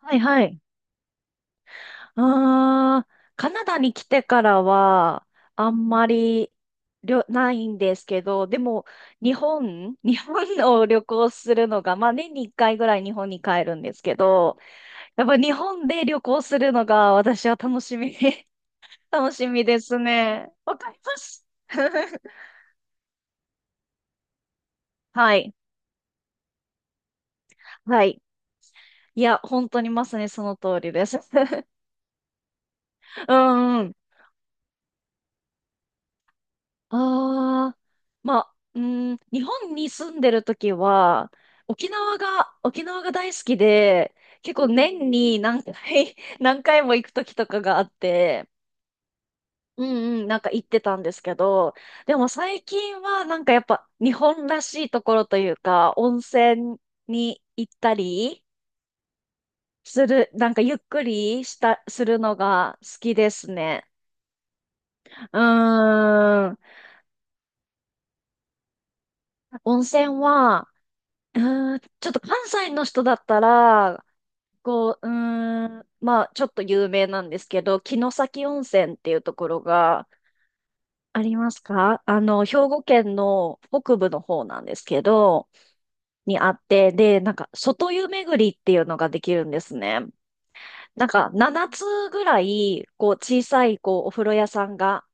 はいはい。カナダに来てからは、あんまりないんですけど、でも、日本を旅行するのが、まあ年に1回ぐらい日本に帰るんですけど、やっぱ日本で旅行するのが私は楽しみ、楽しみですね。わかります。はい。はい。いや、本当にまさにその通りです。うんうん。ああ、まあ、うん、日本に住んでる時は、沖縄が大好きで、結構年に何回も行く時とかがあって、うんうん、なんか行ってたんですけど、でも最近はなんかやっぱ日本らしいところというか、温泉に行ったりする、なんかゆっくりした、するのが好きですね。うーん、温泉は、うちょっと関西の人だったら、こう、まあ、ちょっと有名なんですけど、城崎温泉っていうところがありますか？兵庫県の北部の方なんですけど、にあって、で、なんか、外湯巡りっていうのができるんですね。なんか、7つぐらい、こう、小さい、こう、お風呂屋さんが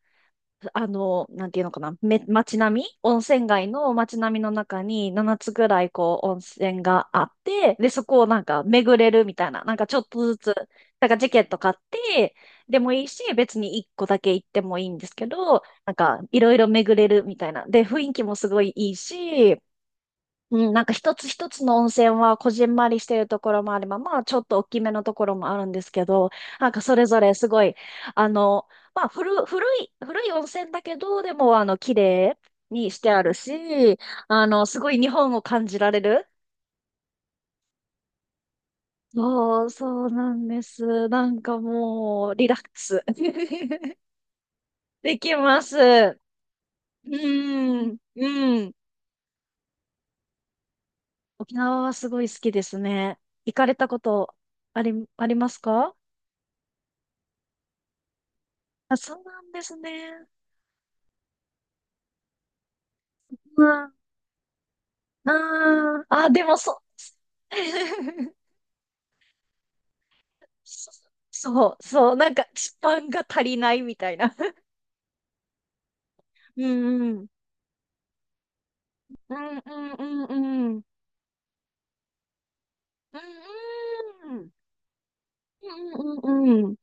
あの、なんていうのかな、街並み、温泉街の街並みの中に7つぐらいこう温泉があって、で、そこをなんか巡れるみたいな、なんかちょっとずつ、なんかチケット買って、でもいいし、別に1個だけ行ってもいいんですけど、なんかいろいろ巡れるみたいな。で、雰囲気もすごいいいし、うん、なんか一つ一つの温泉はこじんまりしてるところもあれば、まあちょっと大きめのところもあるんですけど、なんかそれぞれすごい、あの、まあ古い温泉だけど、でもあの、綺麗にしてあるし、あの、すごい日本を感じられる。そう、そうなんです。なんかもう、リラックス できます。うん、うん。沖縄はすごい好きですね。行かれたことありますか？あ、そうなんですね。うん。あん。あ、でもそそう、なんか、スパンが足りないみたいな。うん、うん。うん、うん、うん、うん。うん、うん。うん、うん、うん。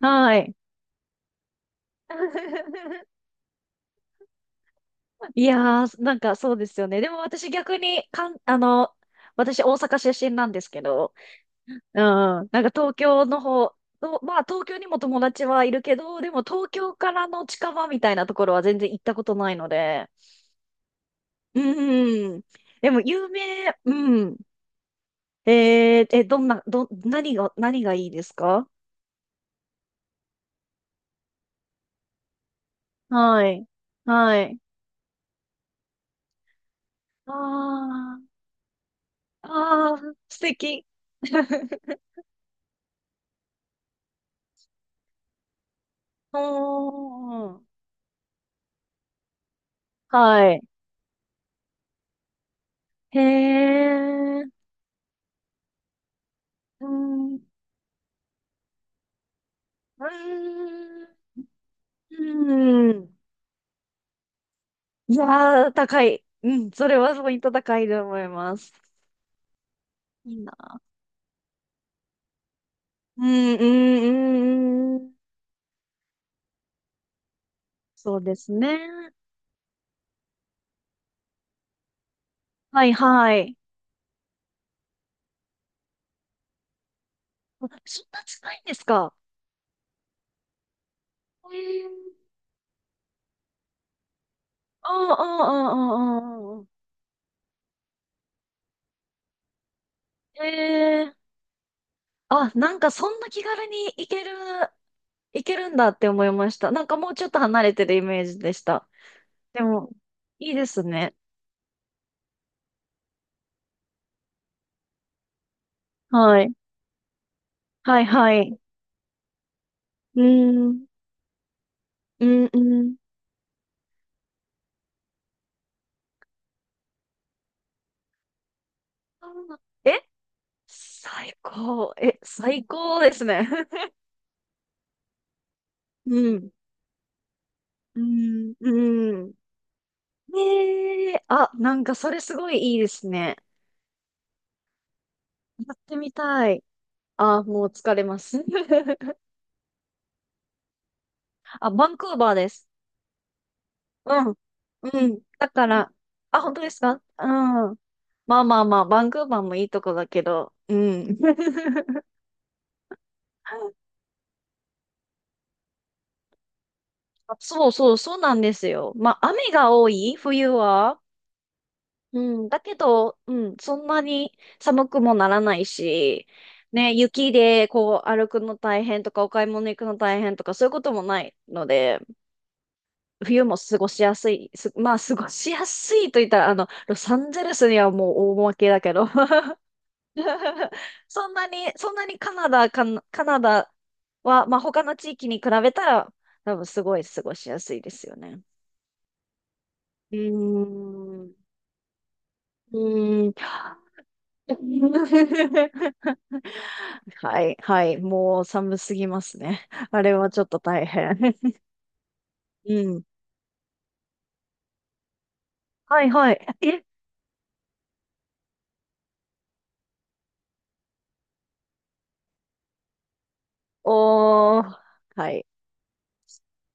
はい。いやー、なんかそうですよね。でも私逆に、かん、あの、私大阪出身なんですけど、うん、なんか東京の方、とまあ東京にも友達はいるけど、でも東京からの近場みたいなところは全然行ったことないので。うん。でも有名、うん。えー、え、どんな、ど、何が、何がいいですか？はい。はい。ああ、ああ、素敵。おー、はい。へえ、うん、うん、うん。いやー、高い。うん、それはポイント高いと思います。いいな。うん、うん、うん、うん。そうですね。はい、はい。あそんな近いんですか？ええ。ああ、ああ、ああ。ええ、あ、なんかそんな気軽に行けるんだって思いました。なんかもうちょっと離れてるイメージでした。でも、いいですね。はい。はい、はい。うん、うん、うん。あえ最高。最高ですね。うん。うん。うん。ねえ。あ、なんかそれすごいいいですね。やってみたい。あ、もう疲れます。あ、バンクーバーです。うん。うん。だから、あ、本当ですか？うん。まあまあまあ、バンクーバーもいいとこだけど、うん。あ、そうそう、そうなんですよ。まあ、雨が多い、冬は。うん、だけど、うん、そんなに寒くもならないし、ね、雪でこう歩くの大変とか、お買い物行くの大変とか、そういうこともないので、冬も過ごしやすい、す、まあ、過ごしやすいと言ったら、あの、ロサンゼルスにはもう大負けだけど、そんなに、そんなにカナダは、まあ、他の地域に比べたら、多分すごい過ごしやすいですよね。うーん。うーん。はい、はい。もう寒すぎますね。あれはちょっと大変。うん。はい、はい。え、おー。はい。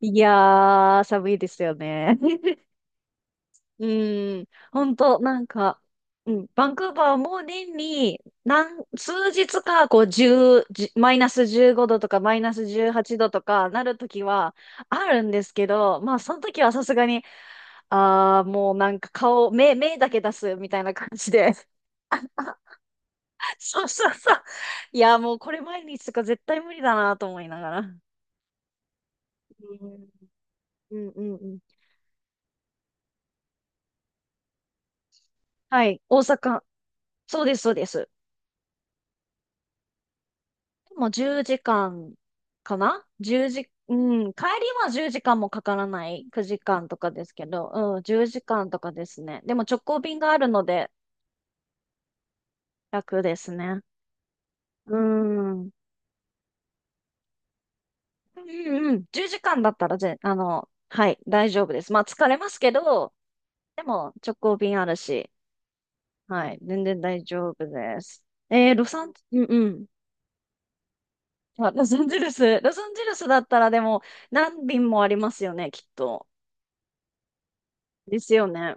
いやー、寒いですよね。うーん、本当なんか、うん、バンクーバーも年に数日か、こう、10、じゅうマイナス15度とか、マイナス18度とかなるときはあるんですけど、まあ、その時はさすがに、ああ、もうなんか目だけ出すみたいな感じで。そうそうそう。いや、もうこれ毎日とか絶対無理だなと思いながら。うん、うん、うん。うん。はい、大阪。そうです、そうです。もう10時間かんかな1時、うん、帰りは10時間もかからない。9時間とかですけど、うん、10時間とかですね。でも直行便があるので楽ですね。うん。うんうんうん。10時間だったらぜ、あの、はい、大丈夫です。まあ疲れますけど、でも直行便あるし、はい、全然大丈夫です。えー、ロサン、うんうん。あ、ロサンゼルス。ロサンゼルスだったらでも何便もありますよね、きっと。ですよね。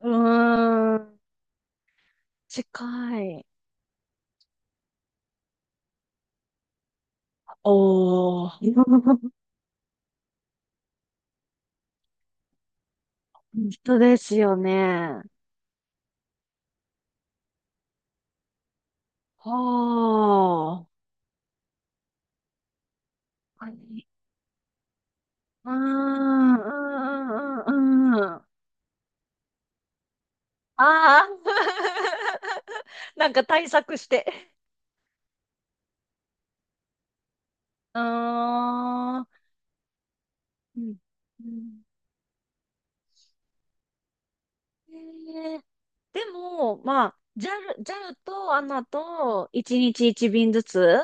うーん、近い。おー、人ですよね。はー。うーん、うーん、うーん、うーん。うんあー。なんか対策して。うーん。うん。うんえーでも、まあ、ジャルジャルとアナと1日1便ずつ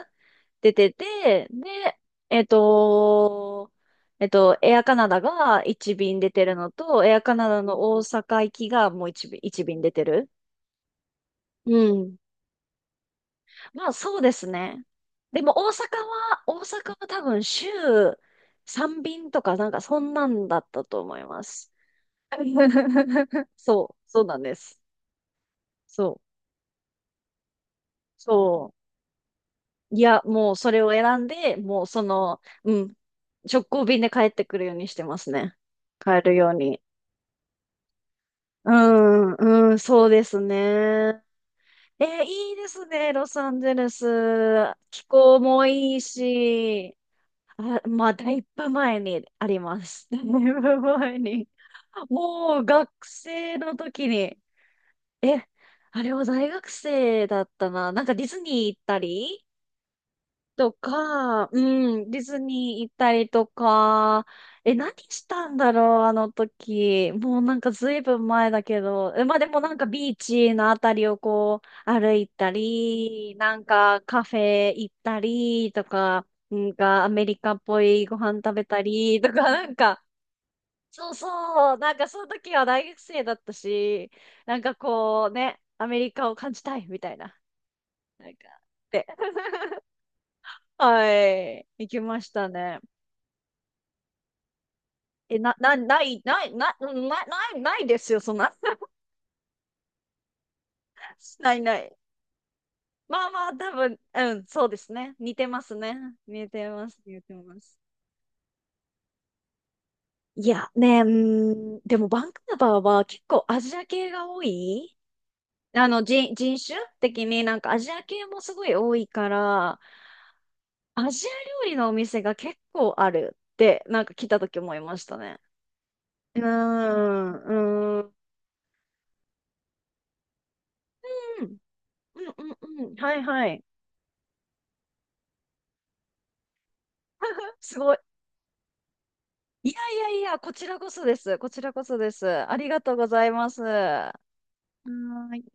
出てて、で、えっと、エアカナダが1便出てるのと、エアカナダの大阪行きがもう1便、1便出てる。うん。まあ、そうですね。でも、大阪は多分週3便とか、なんかそんなんだったと思います。そう、そうなんです。そう、そう。いや、もうそれを選んで、もうその、うん、直行便で帰ってくるようにしてますね。帰るように。うん、うん、そうですね。え、いいですね、ロサンゼルス。気候もいいし、あ、まあ、だいぶ前にあります。だいぶ前に。もう学生の時に、え、あれは大学生だったな。とか、うディズニー行ったりとか、何したんだろう、あの時。もうなんかずいぶん前だけど、まあでもなんかビーチのあたりをこう歩いたり、なんかカフェ行ったりとか、なんかアメリカっぽいご飯食べたりとか、なんか、そうそう、なんかその時は大学生だったし、なんかこうね、アメリカを感じたいみたいな、なんか、で。はい。行きましたね。え、な、な、ない、ない、な、な、な、ないないですよ、そんな。ない、ない。まあまあ、多分、うん、そうですね。似てますね。似てます、似てます。いや、ね、でもバンクーバーは結構アジア系が多い。あの、人種的になんかアジア系もすごい多いから、アジア料理のお店が結構あるって、なんか来た時思いましたね。うーん、うーん。うんうんうん。はいはい。すごい。いやいやいや、こちらこそです。こちらこそです。ありがとうございます。はーい。